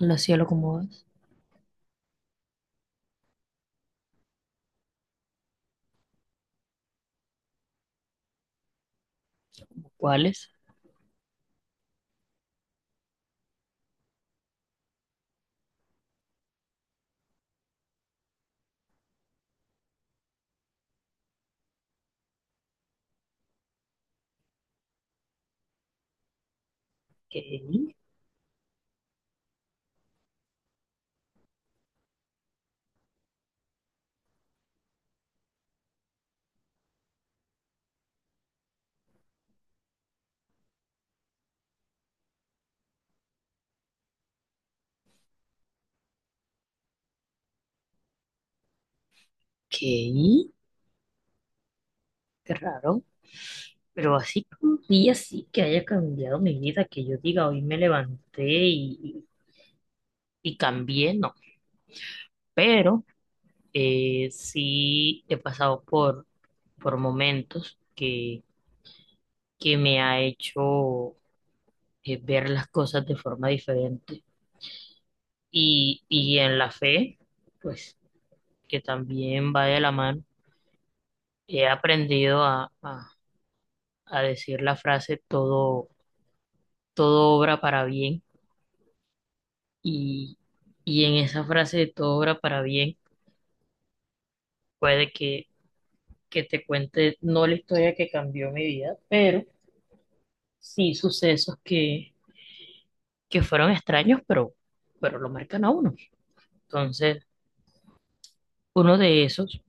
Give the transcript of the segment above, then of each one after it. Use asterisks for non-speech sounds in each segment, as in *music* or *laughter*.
No sé lo como es. ¿Cuáles? ¿Qué? ¿Qué? Qué raro. Pero así que un día sí que haya cambiado mi vida, que yo diga, hoy me levanté y cambié, no. Pero sí he pasado por momentos que me ha hecho ver las cosas de forma diferente. Y en la fe, pues, que también va de la mano, he aprendido a decir la frase todo obra para bien y, y en esa frase de todo obra para bien puede que te cuente no la historia que cambió mi vida, pero sí sucesos que fueron extraños, pero lo marcan a uno. Entonces, uno de esos,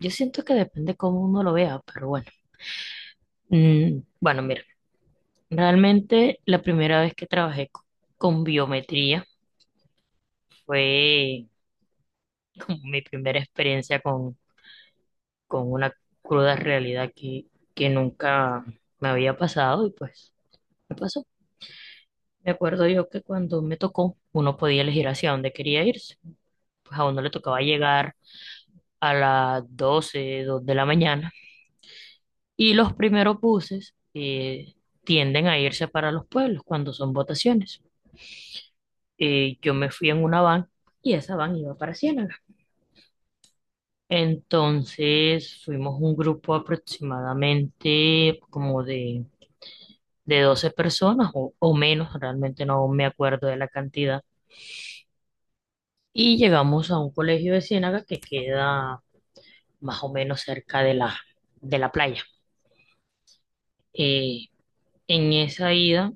yo siento que depende cómo uno lo vea, pero bueno. Bueno, mira, realmente la primera vez que trabajé con biometría fue como mi primera experiencia con una cruda realidad que nunca me había pasado y pues me pasó. Me acuerdo yo que cuando me tocó, uno podía elegir hacia dónde quería irse. Pues a uno le tocaba llegar a las 12 2 de la mañana y los primeros buses tienden a irse para los pueblos cuando son votaciones. Yo me fui en una van y esa van iba para Ciénaga. Entonces fuimos un grupo aproximadamente como de 12 personas o menos, realmente no me acuerdo de la cantidad. Y llegamos a un colegio de Ciénaga que queda más o menos cerca de la playa. Eh, en esa ida,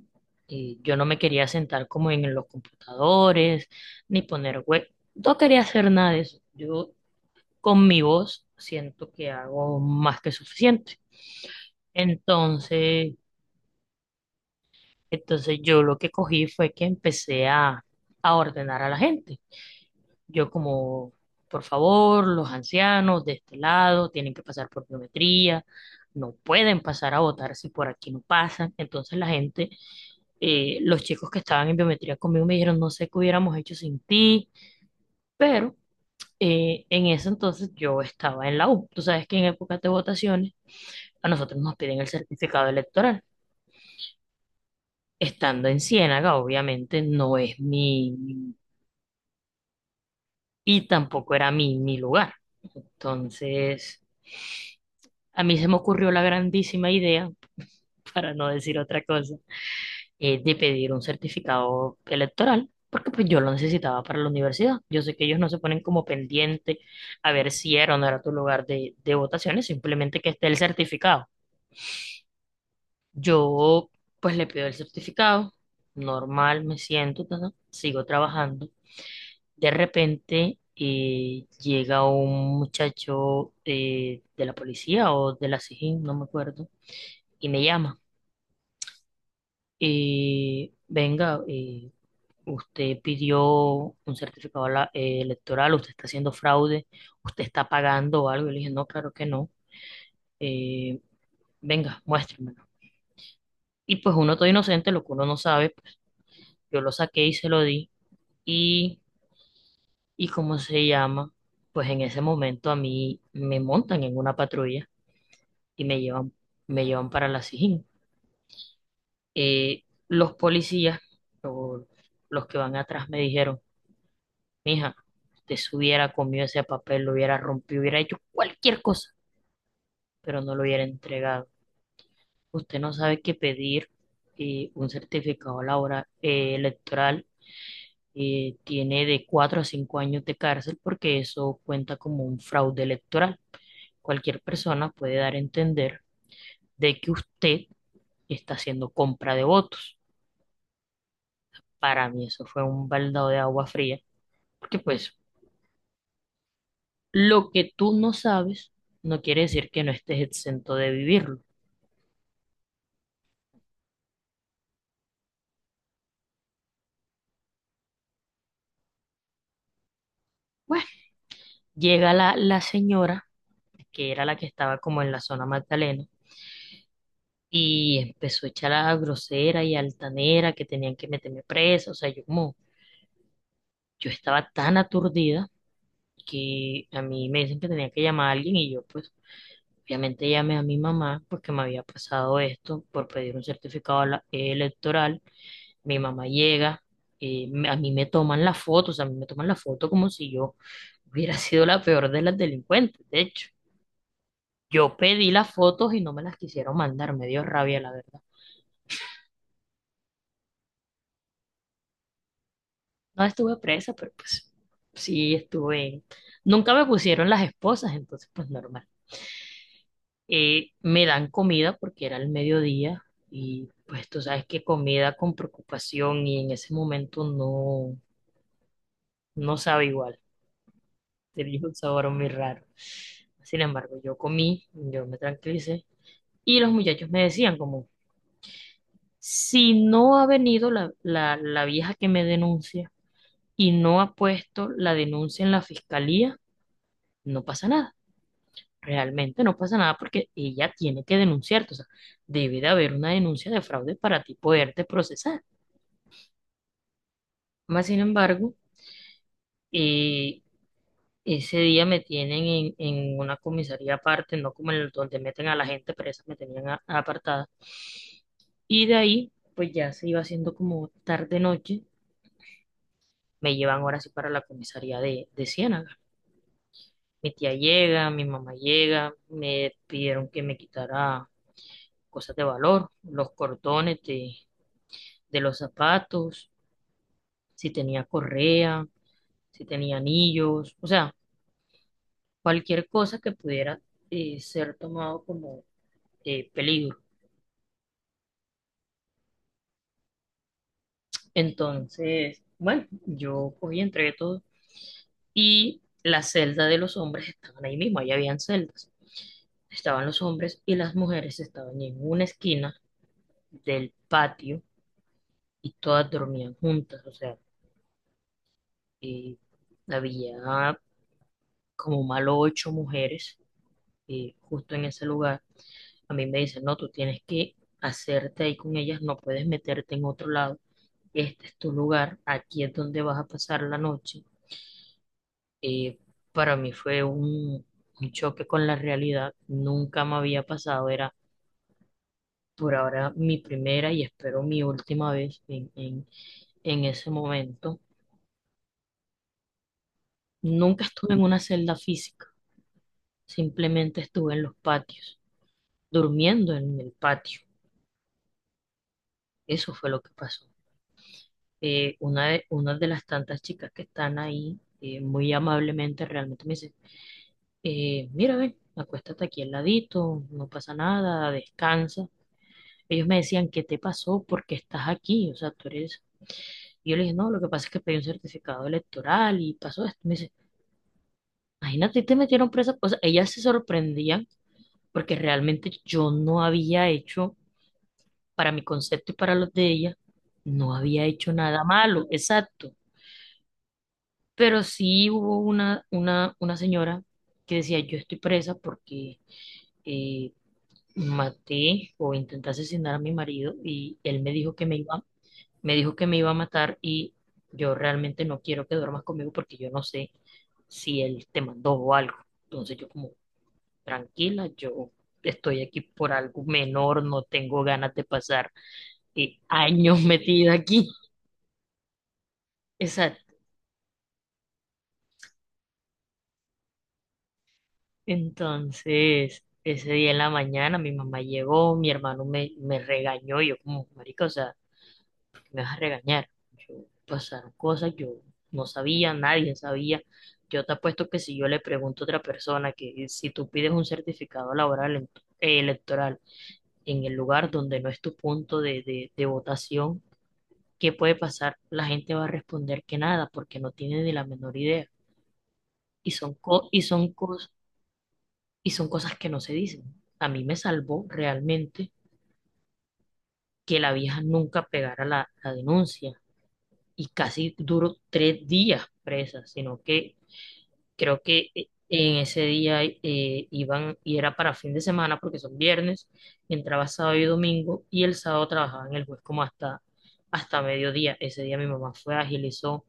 yo no me quería sentar como en los computadores, ni poner web. No quería hacer nada de eso. Yo con mi voz siento que hago más que suficiente. Entonces, entonces, yo lo que cogí fue que empecé a ordenar a la gente. Yo como, por favor, los ancianos de este lado tienen que pasar por biometría, no pueden pasar a votar si por aquí no pasan. Entonces la gente, los chicos que estaban en biometría conmigo me dijeron, no sé qué hubiéramos hecho sin ti, pero en ese entonces yo estaba en la U. Tú sabes que en épocas de votaciones a nosotros nos piden el certificado electoral. Estando en Ciénaga, obviamente no es mi, y tampoco era mi lugar. Entonces. A mí se me ocurrió la grandísima idea, para no decir otra cosa, de pedir un certificado electoral, porque pues yo lo necesitaba para la universidad. Yo sé que ellos no se ponen como pendiente a ver si era o no era tu lugar de votaciones, simplemente que esté el certificado. Yo pues le pido el certificado, normal, me siento, ta, ta, sigo trabajando. De repente llega un muchacho de la policía o de la SIJIN, no me acuerdo, y me llama. Y venga, usted pidió un certificado electoral, usted está haciendo fraude, usted está pagando algo. Y le dije, no, claro que no. Eh, Venga, muéstremelo. Y pues uno todo inocente, lo que uno no sabe, pues, yo lo saqué y se lo di. Y, y ¿cómo se llama? Pues en ese momento a mí me montan en una patrulla y me llevan para la Sijín. Los policías, o los que van atrás, me dijeron, mija, usted se hubiera comido ese papel, lo hubiera rompido, hubiera hecho cualquier cosa, pero no lo hubiera entregado. Usted no sabe que pedir un certificado laboral, electoral tiene de 4 a 5 años de cárcel porque eso cuenta como un fraude electoral. Cualquier persona puede dar a entender de que usted está haciendo compra de votos. Para mí eso fue un baldado de agua fría, porque pues lo que tú no sabes no quiere decir que no estés exento de vivirlo. Bueno, llega la señora, que era la que estaba como en la zona Magdalena, y empezó a echar a grosera y altanera que tenían que meterme presa. O sea, yo como, yo estaba tan aturdida que a mí me dicen que tenía que llamar a alguien y yo pues obviamente llamé a mi mamá porque me había pasado esto por pedir un certificado electoral. Mi mamá llega, a mí me toman la foto, o sea, a mí me toman la foto como si yo hubiera sido la peor de las delincuentes, de hecho. Yo pedí las fotos y no me las quisieron mandar, me dio rabia, la verdad. No estuve presa, pero pues sí estuve. Nunca me pusieron las esposas, entonces pues normal. Me dan comida porque era el mediodía y pues tú sabes que comida con preocupación y en ese momento no sabe igual, *laughs* tenía un sabor muy raro. Sin embargo, yo comí, yo me tranquilicé y los muchachos me decían como, si no ha venido la vieja que me denuncia, y no ha puesto la denuncia en la fiscalía, no pasa nada. Realmente no pasa nada porque ella tiene que denunciarte. O sea, debe de haber una denuncia de fraude para ti poderte procesar. Más sin embargo, eh, ese día me tienen en una comisaría aparte, no como el donde meten a la gente presa, me tenían apartada. Y de ahí, pues ya se iba haciendo como tarde-noche, me llevan ahora sí para la comisaría de Ciénaga. Mi tía llega, mi mamá llega, me pidieron que me quitara cosas de valor, los cordones de los zapatos, si tenía correa, si tenía anillos, o sea, cualquier cosa que pudiera ser tomado como peligro. Entonces, bueno, yo cogí, entregué todo y la celda de los hombres estaban ahí mismo, ahí habían celdas. Estaban los hombres y las mujeres estaban en una esquina del patio y todas dormían juntas, o sea, eh, había como malo ocho mujeres justo en ese lugar. A mí me dicen, no, tú tienes que hacerte ahí con ellas, no puedes meterte en otro lado, este es tu lugar, aquí es donde vas a pasar la noche. Eh, para mí fue un choque con la realidad, nunca me había pasado, era por ahora mi primera y espero mi última vez en ese momento. Nunca estuve en una celda física. Simplemente estuve en los patios, durmiendo en el patio. Eso fue lo que pasó. Una de las tantas chicas que están ahí, muy amablemente realmente me dice, mira, ven, acuéstate aquí al ladito, no pasa nada, descansa. Ellos me decían, ¿qué te pasó? ¿Por qué estás aquí? O sea, tú eres. Y yo le dije, no, lo que pasa es que pedí un certificado electoral y pasó esto. Me dice, imagínate, te metieron presa. O sea, ellas se sorprendían porque realmente yo no había hecho para mi concepto y para los de ella, no había hecho nada malo, exacto. Pero sí hubo una señora que decía, yo estoy presa porque eh, maté o intenté asesinar a mi marido y él me dijo que me iba, a matar y yo realmente no quiero que duermas conmigo porque yo no sé si él te mandó o algo. Entonces yo como, tranquila, yo estoy aquí por algo menor, no tengo ganas de pasar años metida aquí. Exacto. Entonces, ese día en la mañana mi mamá llegó, mi hermano me regañó, y yo como, marica, o sea, ¿por qué me vas a regañar? Yo, pasaron cosas, yo no sabía, nadie sabía. Yo te apuesto que si yo le pregunto a otra persona que si tú pides un certificado laboral electoral en el lugar donde no es tu punto de votación, ¿qué puede pasar? La gente va a responder que nada, porque no tiene ni la menor idea. Y son cosas. Y son cosas que no se dicen. A mí me salvó realmente que la vieja nunca pegara la denuncia y casi duró 3 días presa, sino que creo que en ese día iban y era para fin de semana porque son viernes, entraba sábado y domingo y el sábado trabajaba en el juez como hasta mediodía. Ese día mi mamá fue, agilizó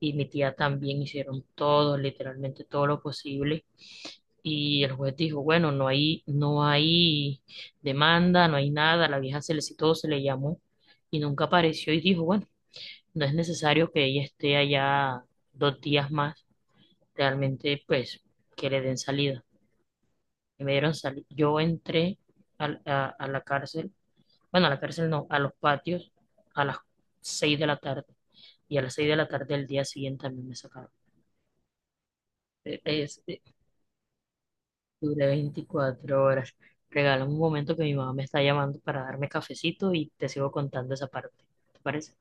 y mi tía también hicieron todo, literalmente todo lo posible. Y el juez dijo, bueno, no hay demanda, no hay nada, la vieja se le citó, se le llamó y nunca apareció y dijo, bueno, no es necesario que ella esté allá 2 días más, realmente pues que le den salida. Y me dieron salida. Yo entré a la cárcel, bueno, a la cárcel no, a los patios a las 6 de la tarde y a las 6 de la tarde del día siguiente también me sacaron. Eh, Es, e-, Duré 24 horas. Regálame un momento que mi mamá me está llamando para darme cafecito y te sigo contando esa parte. ¿Te parece?